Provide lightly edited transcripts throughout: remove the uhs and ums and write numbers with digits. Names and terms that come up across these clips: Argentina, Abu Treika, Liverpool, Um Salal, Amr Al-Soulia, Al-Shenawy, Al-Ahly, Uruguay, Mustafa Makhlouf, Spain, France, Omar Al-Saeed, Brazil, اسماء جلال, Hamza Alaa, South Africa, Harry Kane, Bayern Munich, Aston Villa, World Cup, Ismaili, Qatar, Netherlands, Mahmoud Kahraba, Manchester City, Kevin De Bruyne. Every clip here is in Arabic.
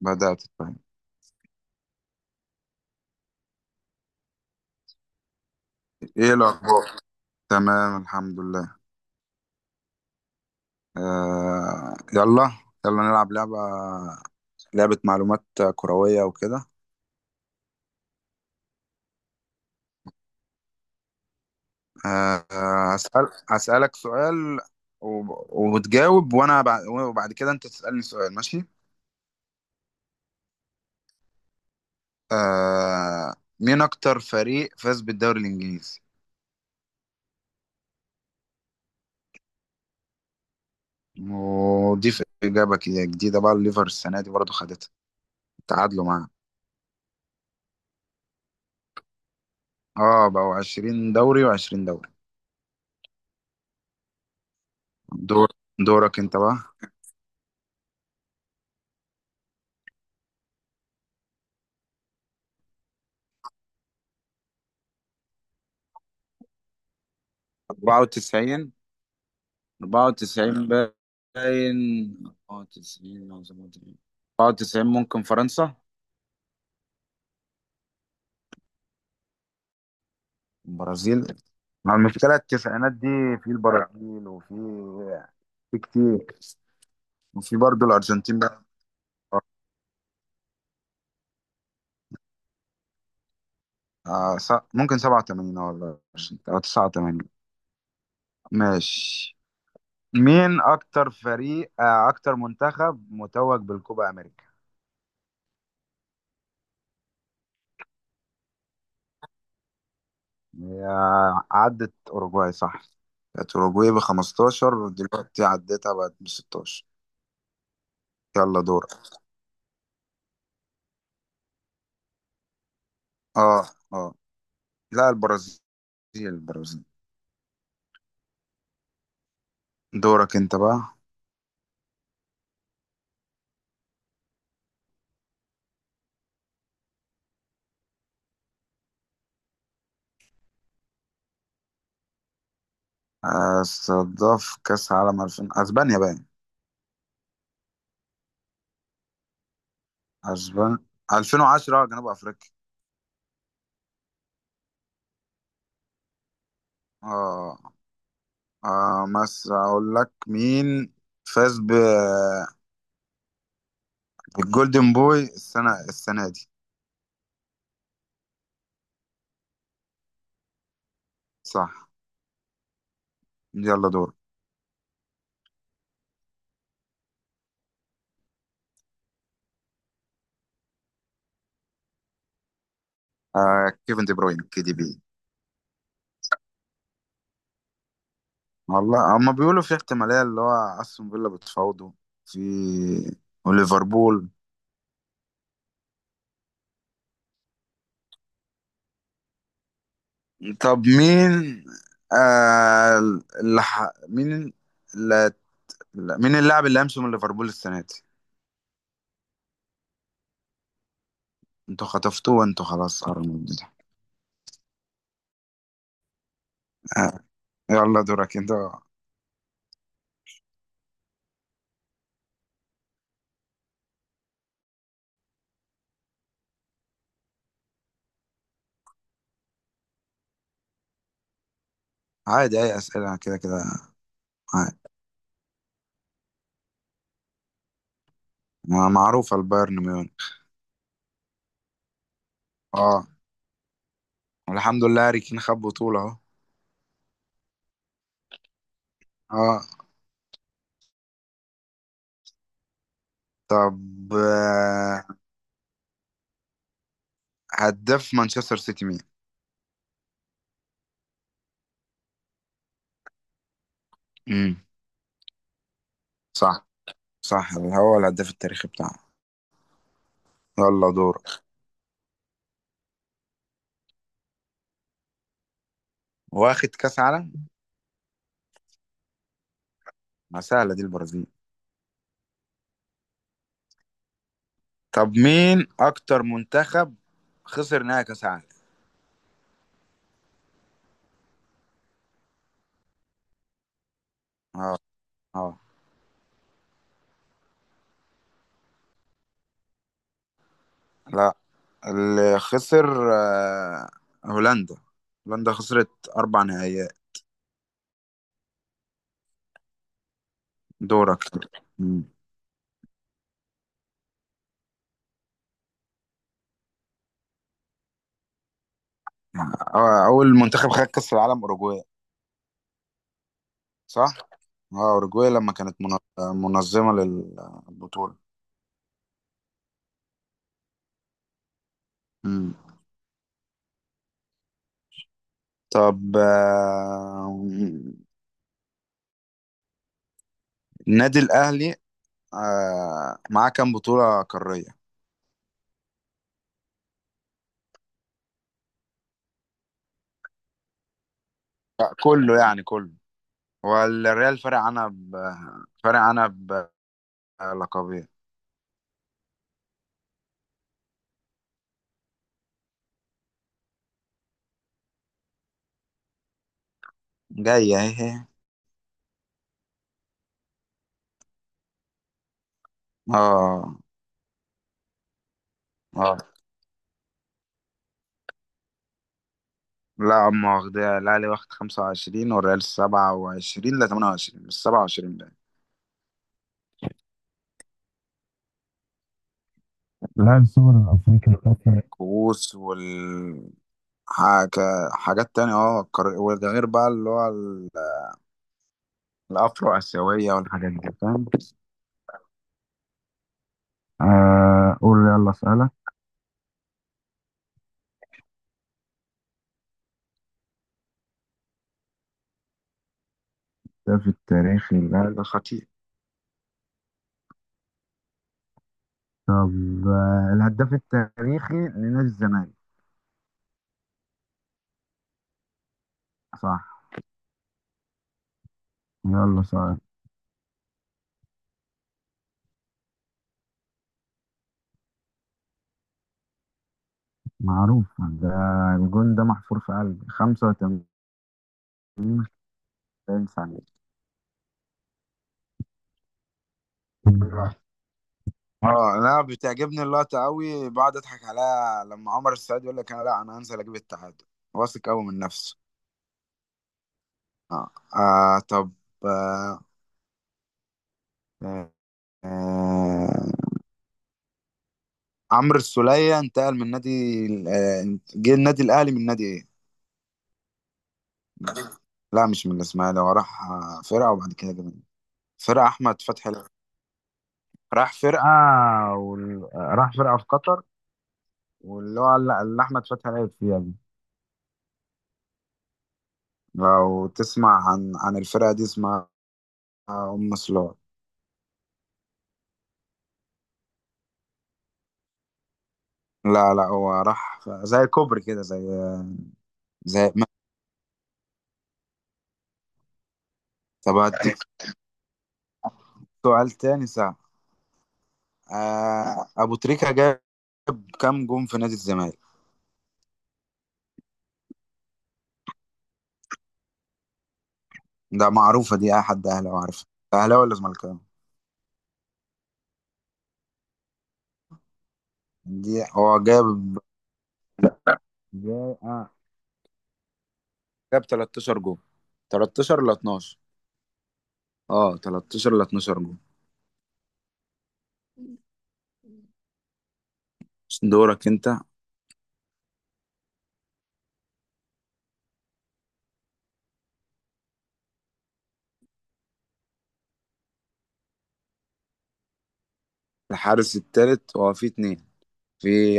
بدأت أتفهم. إيه الأخبار؟ تمام، الحمد لله. آه، يلا. يلا نلعب لعبة معلومات كروية وكده. هسألك سؤال. وتجاوب، وأنا وبعد كده أنت تسألني سؤال، ماشي؟ آه. مين أكتر فريق فاز بالدوري الإنجليزي؟ ودي في إجابة كده جديدة بقى، الليفر السنة دي برضه خدتها. تعادلوا معاه. اه، بقوا 20 دوري و20 دوري. دور دورك أنت بقى. 94. 94 باين. 94 أو 97. 94 ممكن فرنسا. البرازيل. مع المشكلة التسعينات دي، في البرازيل في كتير، وفي برضه الأرجنتين بقى. ممكن 87 ولا 20 أو 89. ماشي. مين أكتر فريق، آه، أكتر منتخب متوج بالكوبا أمريكا؟ هي. عدت أوروجواي، صح؟ كانت أوروجواي ب 15 ودلوقتي عدتها بقت ب 16. يلا دورك. اه. اه. لا، البرازيل. البرازيل. دورك انت بقى. استضاف كأس عالم 2000 اسبانيا باين. اسبانيا. 2010 جنوب افريقيا. اه. اه، بس اقول لك مين فاز بالجولدن بوي السنة دي؟ صح. يلا دور. آه، كيفن دي بروين، كي دي بي. والله هما بيقولوا في احتمالية، اللي هو استون فيلا بتفاوضه، في وليفربول. طب مين، آه، اللي ح... مين اللي... مين اللاعب اللي امس من ليفربول السنه دي؟ انتوا خطفتوه وانتوا خلاص قربوا من البتاع. آه. يلا دورك انت. عادي، اي اسئله كده كده. عادي. معروفه، البايرن ميونخ. اه، والحمد لله هاري كين خد بطوله اهو. اه. طب آه، هداف مانشستر سيتي مين؟ امم صح. صح، هو الهداف التاريخي بتاعه. يلا دورك. واخد كاس عالم. ما سهله دي، البرازيل. طب مين اكتر منتخب خسر نهائي كاس عالم؟ اه. اه. لا، اللي خسر، آه، هولندا. هولندا خسرت اربع نهائيات. دورك. مم. آه، اول منتخب خد كاس العالم اوروجواي. صح. اه، اوروجواي لما كانت منظمة للبطولة. مم. طب، آه، النادي الاهلي، آه، معاه كام بطولة قارية؟ آه، كله يعني، كله. والريال فارق عنها، ب... فارق عنها بلقبين. جاية اهي. اه. اه. لا، أما واخدها الأهلي واخد خمسة وعشرين والريال سبعة وعشرين، لا تمانية وعشرين، مش سبعة وعشرين بقى. لا، السوبر الافريقي الفترة كؤوس وال... حاجات تانية، اه وده غير بقى اللي هو الأفرو آسيوية والحاجات دي، فاهم. آه، قول يلا اسألك. الهداف التاريخي للأهلي، ده خطير. طب، آه، الهداف التاريخي لنادي الزمالك؟ صح. يلا سؤال. معروف ده. الجون ده محفور في قلبي، 85 ثانية. اه، انا بتعجبني اللقطه قوي، بقعد اضحك عليها لما عمر السعيد يقول لك انا، لا انا هنزل اجيب التعادل. واثق قوي من نفسه. اه. آه طب، آه، آه، آه، عمرو السولية انتقل من نادي آه، جه النادي الاهلي من نادي ايه؟ لا، مش من الاسماعيلي. هو راح، آه، فرقه وبعد كده جه فرقه احمد فتحي. راح فرقة وال... راح فرقة في قطر، واللي هو اللي أحمد فتحي لعب فيها دي. لو تسمع عن الفرقة دي، اسمها أم سلوت. لا لا، هو راح زي كوبري كده، زي، زي طب هديك سؤال تاني ساعة. آه، أبو تريكة جاب كام جون في نادي الزمالك؟ ده معروفة دي، أي حد أهلاوي عارفها. أهلاوي ولا زملكاوي؟ دي هو جاب، جاب، آه، جاب 13 جون. 13 ل 12. اه 13 ل 12 جون. دورك انت. الحارس التالت هو في اتنين. في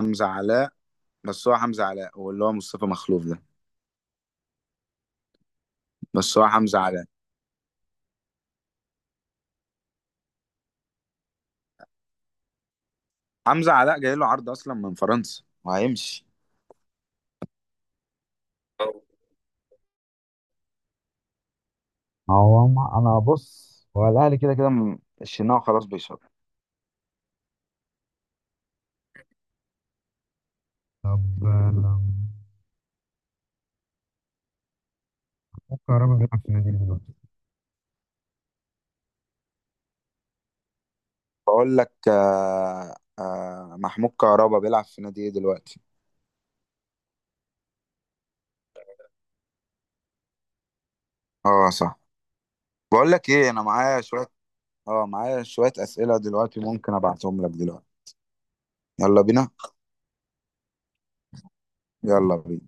حمزة علاء. بس هو حمزة علاء واللي هو مصطفى مخلوف ده. بس هو حمزة علاء. حمزة علاء جاي له عرض اصلا من فرنسا وهيمشي. هو ما انا بص، هو الاهلي كده كده الشناوي خلاص بيشرب. طب، آه، ممكن كهربا بيلعب في النادي دلوقتي. بقول لك، آه آه، محمود كهربا بيلعب في نادي ايه دلوقتي؟ اه صح. بقول لك ايه، انا معايا شوية. اه، معايا شوية اسئلة دلوقتي، ممكن ابعتهم لك دلوقتي. يلا بينا. يلا بينا.